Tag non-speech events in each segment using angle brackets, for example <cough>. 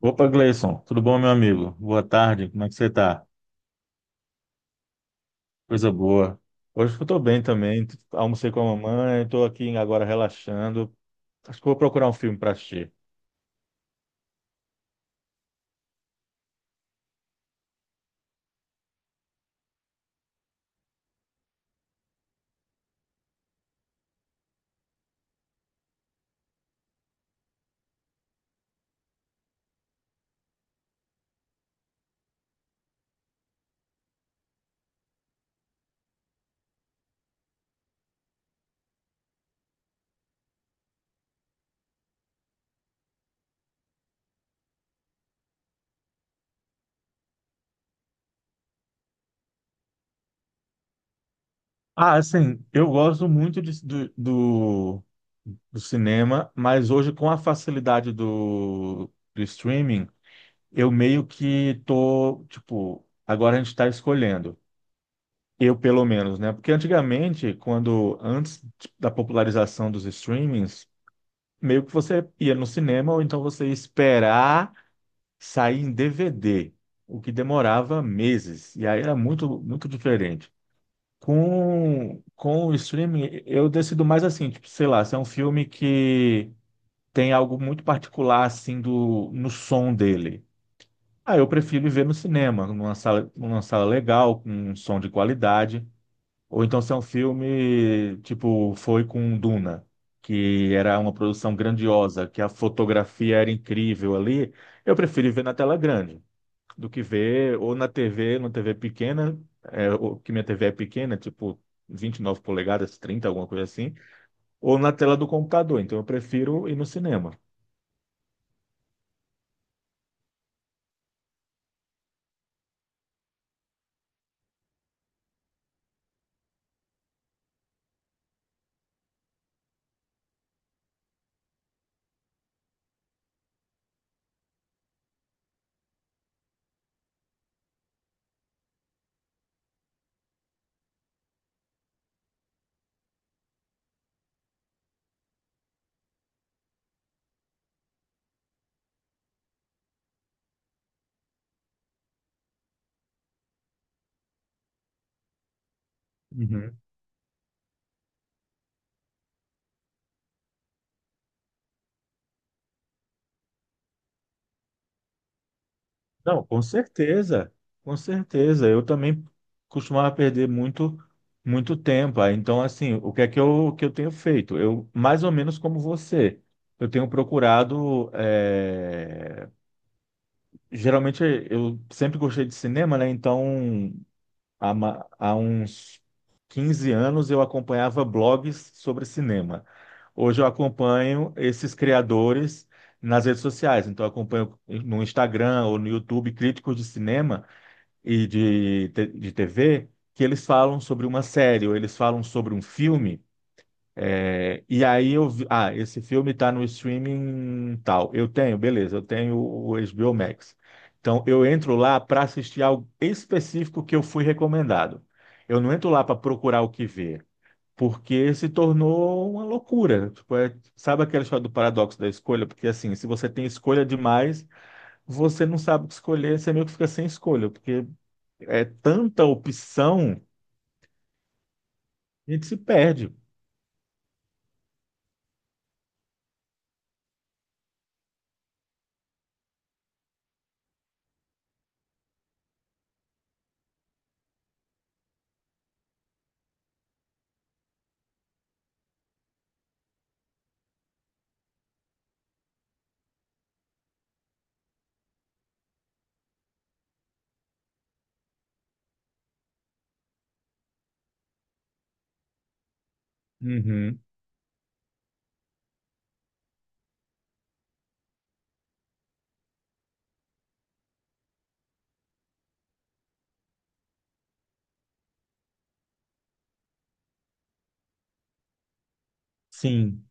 Opa, Gleison, tudo bom, meu amigo? Boa tarde, como é que você tá? Coisa boa. Hoje eu tô bem também, almocei com a mamãe, tô aqui agora relaxando. Acho que vou procurar um filme para assistir. Ah, assim, eu gosto muito do, do cinema, mas hoje com a facilidade do streaming, eu meio que tô, tipo, agora a gente está escolhendo. Eu, pelo menos, né? Porque antigamente, quando antes da popularização dos streamings, meio que você ia no cinema ou então você ia esperar sair em DVD, o que demorava meses. E aí era muito, muito diferente. Com o streaming, eu decido mais assim, tipo, sei lá, se é um filme que tem algo muito particular assim do, no som dele. Ah, eu prefiro ir ver no cinema, numa sala legal, com um som de qualidade. Ou então se é um filme, tipo, foi com Duna, que era uma produção grandiosa, que a fotografia era incrível ali, eu prefiro ver na tela grande do que ver ou na TV, numa TV pequena, é, ou que minha TV é pequena, tipo 29 polegadas, 30, alguma coisa assim, ou na tela do computador. Então eu prefiro ir no cinema. Uhum. Não, com certeza, com certeza. Eu também costumava perder muito, muito tempo. Aí, então, assim, o que é que que eu tenho feito? Eu, mais ou menos como você, eu tenho procurado. Geralmente, eu sempre gostei de cinema, né? Então, há uns 15 anos eu acompanhava blogs sobre cinema. Hoje eu acompanho esses criadores nas redes sociais. Então, eu acompanho no Instagram ou no YouTube críticos de cinema e de TV que eles falam sobre uma série ou eles falam sobre um filme. E aí eu vi, ah, esse filme está no streaming tal. Eu tenho, beleza, eu tenho o HBO Max. Então eu entro lá para assistir algo específico que eu fui recomendado. Eu não entro lá para procurar o que ver, porque se tornou uma loucura. Tipo, sabe aquela história do paradoxo da escolha? Porque assim, se você tem escolha demais, você não sabe o que escolher, você meio que fica sem escolha, porque é tanta opção, a gente se perde. Uhum. Sim.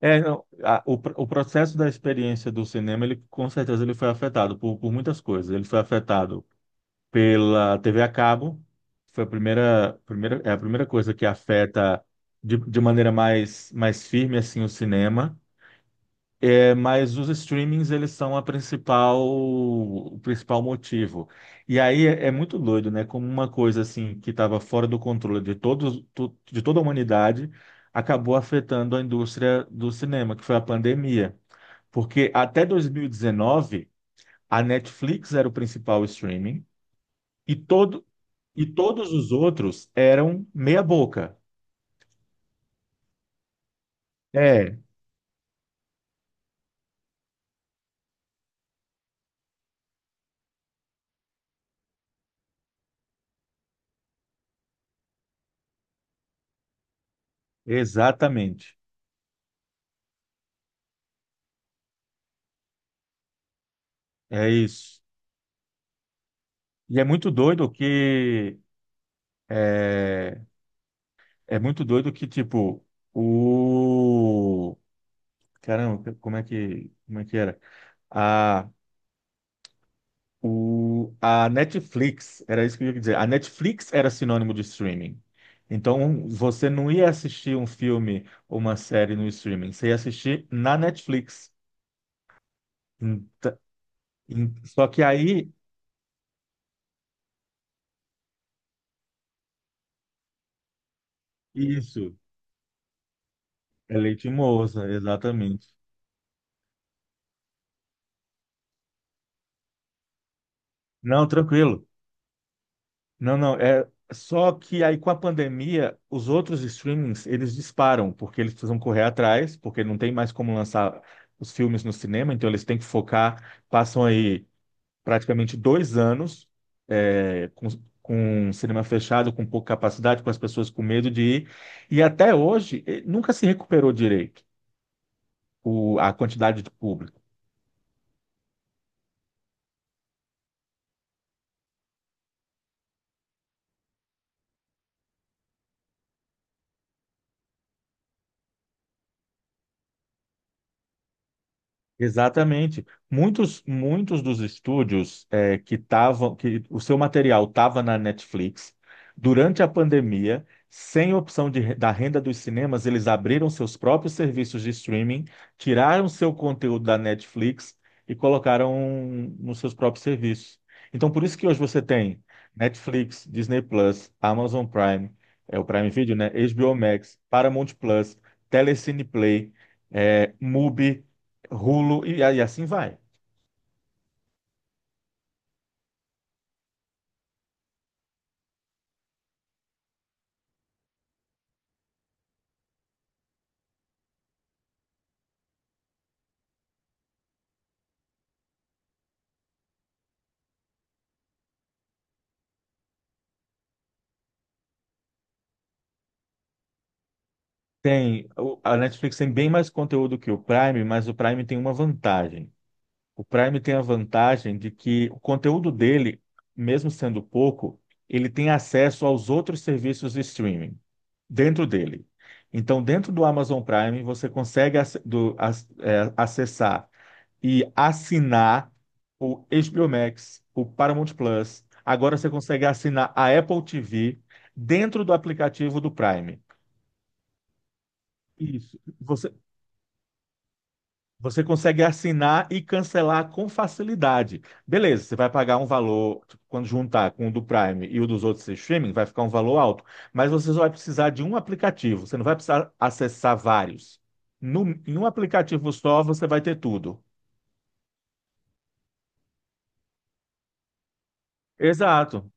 Não, o processo da experiência do cinema, ele com certeza ele foi afetado por muitas coisas. Ele foi afetado pela TV a cabo, foi a primeira, primeira, é a primeira coisa que afeta de maneira mais firme assim o cinema. É, mas os streamings, eles são a principal, o principal motivo. E aí é, é muito doido, né? Como uma coisa assim que estava fora do controle de todos, de toda a humanidade, acabou afetando a indústria do cinema, que foi a pandemia. Porque até 2019, a Netflix era o principal streaming e todo e todos os outros eram meia boca. É, exatamente. É isso. E é muito doido que é, é muito doido que, tipo, o. Caramba, como é que era? A, a Netflix, era isso que eu ia dizer. A Netflix era sinônimo de streaming. Então, você não ia assistir um filme ou uma série no streaming, você ia assistir na Netflix. Ent- Só que aí, isso, é leite moça, exatamente. Não, tranquilo. Não, não, é só que aí com a pandemia, os outros streamings, eles disparam, porque eles precisam correr atrás, porque não tem mais como lançar os filmes no cinema, então eles têm que focar, passam aí praticamente 2 anos é, com, com o cinema fechado, com pouca capacidade, com as pessoas com medo de ir, e até hoje nunca se recuperou direito a quantidade de público. Exatamente. Muitos, muitos dos estúdios que estavam, que o seu material estava na Netflix, durante a pandemia, sem opção da renda dos cinemas, eles abriram seus próprios serviços de streaming, tiraram seu conteúdo da Netflix e colocaram nos seus próprios serviços. Então, por isso que hoje você tem Netflix, Disney Plus, Amazon Prime, é o Prime Video, né? HBO Max, Paramount Plus, Telecine Play, é, Mubi. Hulu e assim vai. Tem, a Netflix tem bem mais conteúdo que o Prime, mas o Prime tem uma vantagem. O Prime tem a vantagem de que o conteúdo dele, mesmo sendo pouco, ele tem acesso aos outros serviços de streaming dentro dele. Então, dentro do Amazon Prime, você consegue acessar e assinar o HBO Max, o Paramount Plus. Agora você consegue assinar a Apple TV dentro do aplicativo do Prime. Isso. Você, você consegue assinar e cancelar com facilidade. Beleza, você vai pagar um valor, tipo, quando juntar com o do Prime e o dos outros streaming, vai ficar um valor alto. Mas você só vai precisar de um aplicativo, você não vai precisar acessar vários. No, em um aplicativo só, você vai ter tudo. Exato.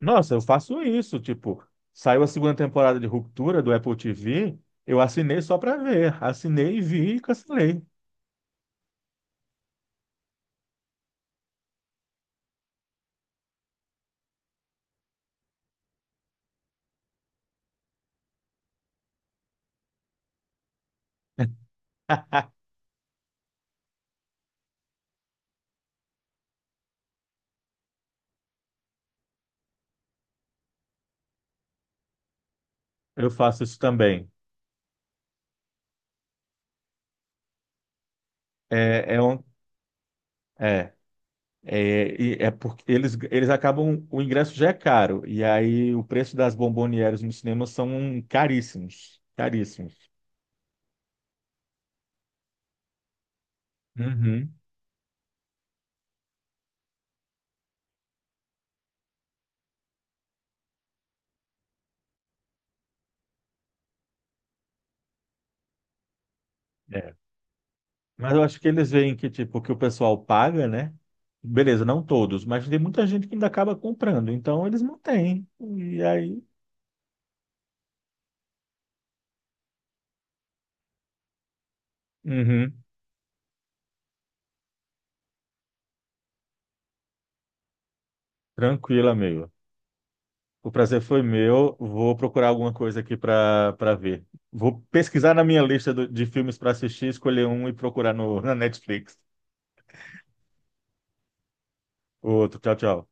Nossa, eu faço isso. Tipo, saiu a segunda temporada de Ruptura do Apple TV, eu assinei só para ver. Assinei, vi e cancelei. <laughs> Eu faço isso também. É, é um. é. É, e é porque eles acabam, o ingresso já é caro, e aí o preço das bombonieres nos cinemas são caríssimos, caríssimos. Uhum. É. Mas eu acho que eles veem que, tipo, que o pessoal paga, né? Beleza, não todos, mas tem muita gente que ainda acaba comprando, então eles mantêm. E aí, uhum. Tranquilo, amigo. O prazer foi meu. Vou procurar alguma coisa aqui para para ver. Vou pesquisar na minha lista de filmes para assistir, escolher um e procurar no, na Netflix. Outro. Tchau, tchau.